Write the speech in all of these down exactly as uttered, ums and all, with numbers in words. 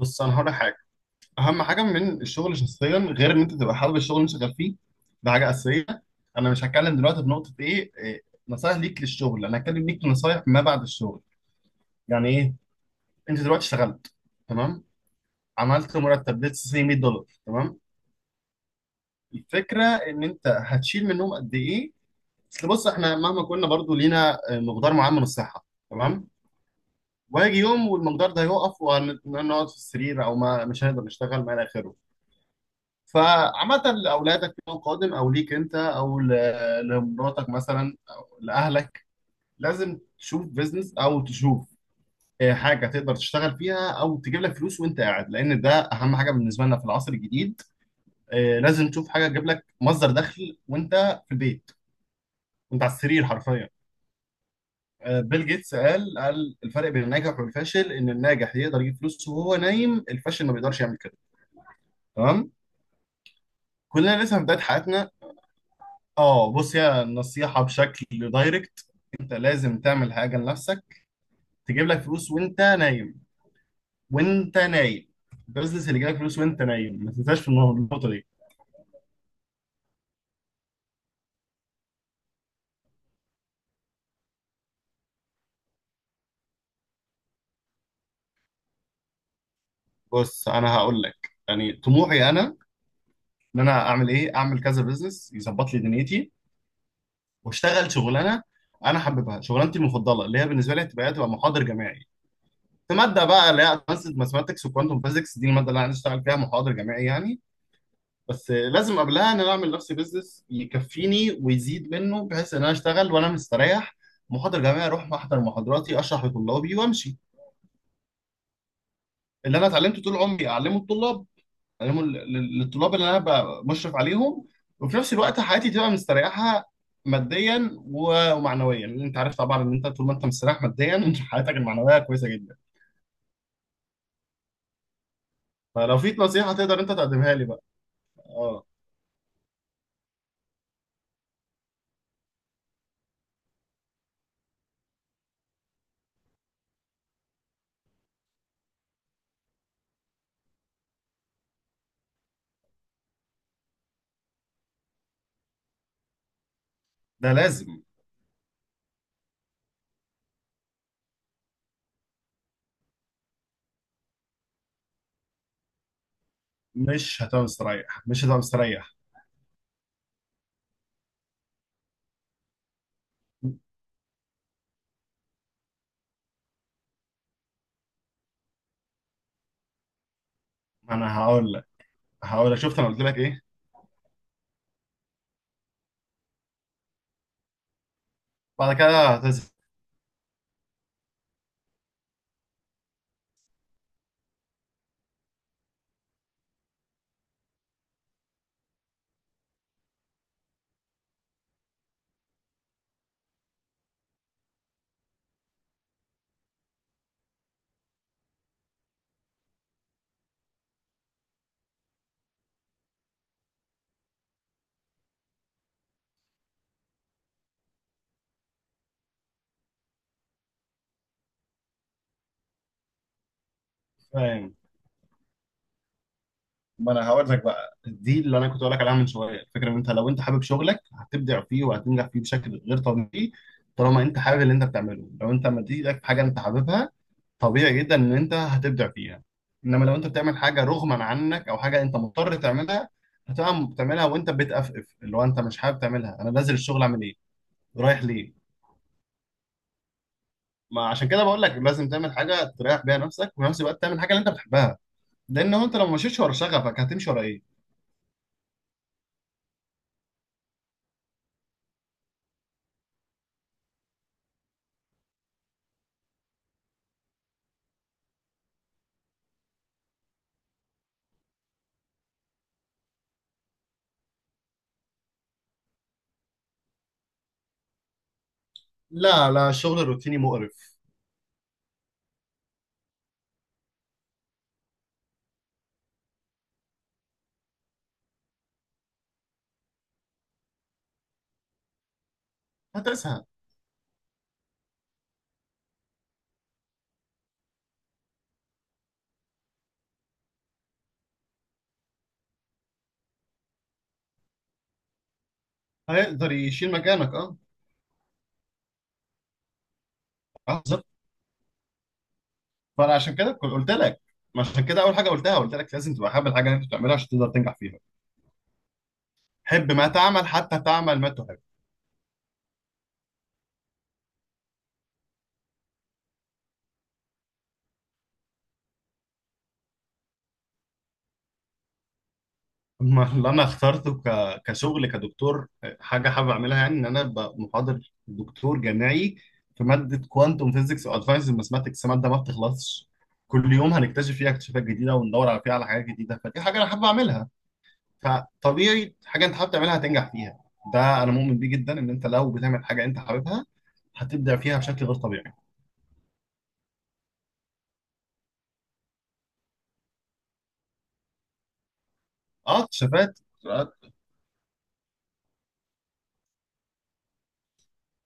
بص، انا هقول لك حاجه. اهم حاجه من الشغل شخصيا غير ان انت تبقى حابب الشغل اللي انت شغال فيه. ده حاجه اساسيه. انا مش هتكلم دلوقتي بنقطه ايه إيه، نصايح ليك للشغل. انا هتكلم ليك نصايح ما بعد الشغل. يعني ايه؟ انت دلوقتي اشتغلت، تمام، عملت مرتب ليتس سي مية دولار. تمام. الفكره ان انت هتشيل منهم قد ايه؟ اصل بص احنا مهما كنا برضو لينا آه، مقدار معين من الصحه. تمام. وهيجي يوم والمقدار ده هيقف، وهنقعد في السرير او ما مش هنقدر نشتغل ما الى اخره. فعامة لأولادك يوم قادم، أو ليك أنت، أو ل- لمراتك مثلا، أو لأهلك، لازم تشوف بيزنس أو تشوف آه، حاجة تقدر تشتغل فيها أو تجيب لك فلوس وأنت قاعد، لأن ده أهم حاجة بالنسبة لنا في العصر الجديد. آه، لازم تشوف حاجة تجيب لك مصدر دخل وأنت في البيت، وأنت على السرير حرفيا. آه، بيل جيتس قال قال الفرق بين الناجح والفاشل إن الناجح يقدر يجيب فلوس وهو نايم، الفاشل ما بيقدرش يعمل كده. تمام. كلنا لسه في بداية حياتنا. اه، بص يا النصيحة بشكل دايركت، انت لازم تعمل حاجه لنفسك. تجيب لك فلوس وانت نايم، وانت نايم. البزنس اللي يجيب لك فلوس وانت نايم، ما تنساش في النقطه النقطة دي. بص انا هقول لك يعني طموحي انا، ان انا اعمل ايه اعمل كذا بزنس يظبط لي دنيتي، واشتغل شغلانه انا حاببها. شغلانتي المفضله اللي هي بالنسبه لي هتبقى هتبقى محاضر جامعي في ماده بقى اللي هي ادفانسد ماثماتكس وكوانتم فيزكس. دي الماده اللي انا عايز اشتغل فيها محاضر جامعي يعني. بس لازم قبلها ان انا اعمل لنفسي بيزنس يكفيني ويزيد منه، بحيث ان انا اشتغل وانا مستريح. محاضر جامعي، اروح احضر محاضراتي، اشرح لطلابي وامشي. اللي انا اتعلمته طول عمري اعلمه الطلاب، اعلمه لل- لل- للطلاب اللي انا ببقى مشرف عليهم. وفي نفس الوقت حياتي تبقى مستريحه ماديا و- ومعنويا، لان انت عارف طبعا ان انت طول ما انت مستريح ماديا انت حياتك المعنويه كويسه جدا. فلو في نصيحه تقدر انت تقدمها لي بقى. اه. ده لازم. مش هتبقى مستريح، مش هتبقى مستريح. ما انا هقول هقول لك، شفت انا قلت لك ايه؟ بعد كده هتزهق. فاهم. ما انا هقول لك بقى دي اللي انا كنت هقول لك عليها من شويه. الفكره ان انت لو انت حابب شغلك هتبدع فيه وهتنجح فيه بشكل غير طبيعي. طالما انت حابب اللي انت بتعمله، لو انت مدي ايدك في حاجه انت حاببها، طبيعي جدا ان انت هتبدع فيها. انما لو انت بتعمل حاجه رغما عنك او حاجه انت مضطر تعملها، هتبقى بتعملها وانت بتقفقف، اللي هو انت مش حابب تعملها. انا نازل الشغل اعمل ايه؟ رايح ليه؟ ما عشان كده بقول لك لازم تعمل حاجه تريح بيها نفسك، وفي نفس الوقت تعمل حاجه اللي انت بتحبها، لان هو انت لو مشيتش ورا شغفك هتمشي ورا ايه؟ لا لا، شغل روتيني مقرف. هتسهل. هيقدر يشيل مكانك، اه. آه، بالظبط. فانا عشان كده كل- قلت لك، عشان كده اول حاجه قلتها قلت لك لازم تبقى حابب الحاجه اللي انت بتعملها عشان تقدر تنجح فيها. حب ما تعمل حتى تعمل ما تحب. ما اللي انا اخترته ك... كشغل كدكتور، حاجه حابب اعملها، يعني ان انا ابقى محاضر دكتور جامعي في ماده كوانتم فيزيكس وادفانس ماثماتكس، ماده ما بتخلصش، كل يوم هنكتشف فيها اكتشافات جديده وندور على فيها على حاجات جديده. فدي حاجه انا حابب اعملها. فطبيعي حاجه انت حابب تعملها هتنجح فيها. ده انا مؤمن بيه جدا، ان انت لو بتعمل حاجه انت حاببها هتبدع فيها بشكل غير طبيعي. اه، اكتشافات اختراعات.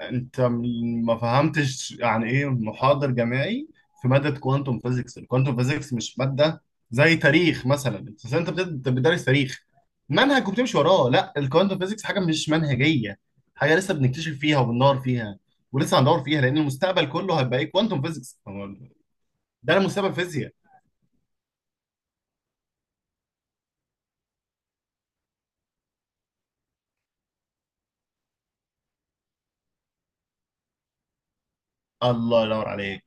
انت م- ما فهمتش يعني ايه محاضر جامعي في ماده كوانتم فيزيكس. الكوانتم فيزيكس مش ماده زي تاريخ مثلا، انت انت بت- أنت بتدرس تاريخ منهج وبتمشي وراه. لا، الكوانتم فيزيكس حاجه مش منهجيه، حاجه لسه بنكتشف فيها وبندور فيها، ولسه هندور فيها، لان المستقبل كله هيبقى ايه؟ كوانتم فيزيكس. ده المستقبل، الفيزياء. الله ينور عليك.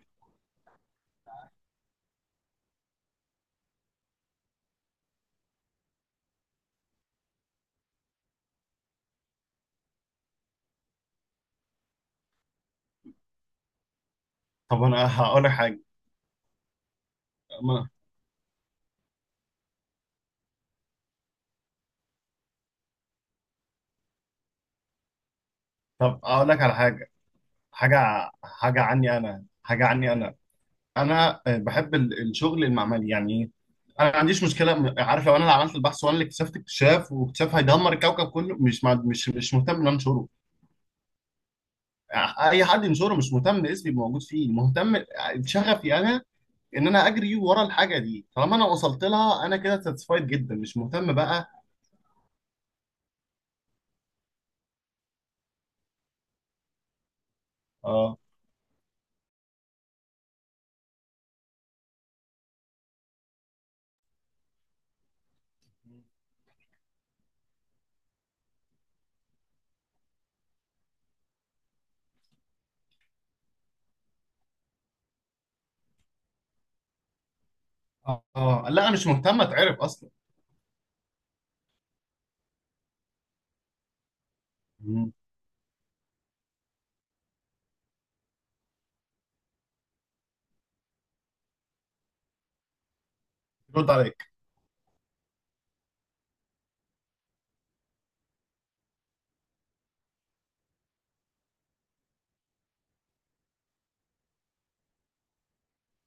طب انا هقول لك حاجه. ما- طب اقول لك على حاجه، حاجه ع- حاجه عني انا حاجه عني انا انا آه، بحب ال- الشغل المعملي. يعني ايه؟ انا ما عنديش مشكله، م- عارف، لو انا اللي عملت البحث وانا اللي اكتشفت اكتشاف، واكتشاف هيدمر الكوكب كله، مش مع- مش مش مهتم ان أنا انشره. آه، اي حد ينشره مش مهتم، اسمي يبقى موجود فيه مهتم. آه، شغفي انا ان انا اجري ورا الحاجه دي، طالما انا وصلت لها انا كده ساتسفايد جدا، مش مهتم بقى. اه اه، آه، لا، أنا مش مهتم اتعرف اصلا. رد عليك.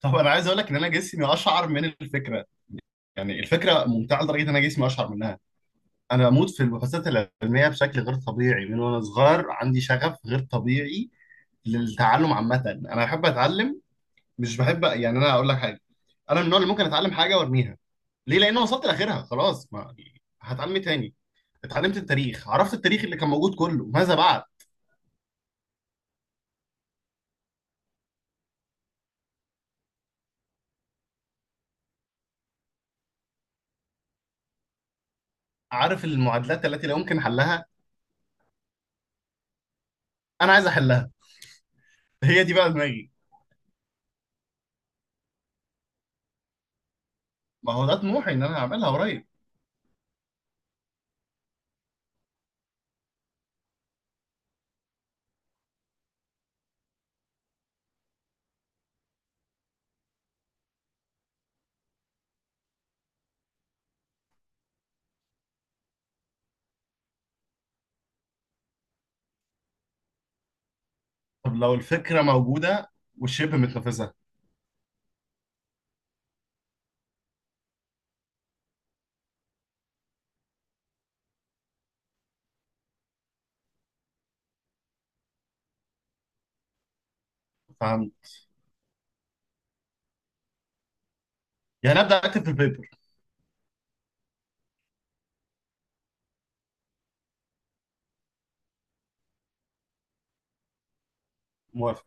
طب انا عايز اقول لك ان انا جسمي اشعر من الفكره، يعني الفكره ممتعه لدرجه ان انا جسمي اشعر منها. انا بموت في البحوثات العلميه بشكل غير طبيعي، من وانا صغير عندي شغف غير طبيعي للتعلم. عامه انا بحب اتعلم. مش بحب، يعني انا اقول لك حاجه، انا من النوع اللي ممكن اتعلم حاجه وارميها. ليه؟ لان أنا وصلت لاخرها خلاص. ما هتعلم إيه تاني؟ اتعلمت التاريخ، عرفت التاريخ اللي كان موجود كله، ماذا بعد؟ عارف المعادلات التي لا يمكن حلها؟ انا عايز احلها. هي دي بقى دماغي. ما هو ده طموحي ان انا هعملها قريب. طب لو الفكرة موجودة والشبه متنفذة؟ فاهم؟ يعني أبدأ أكتب في البيبر. موافق.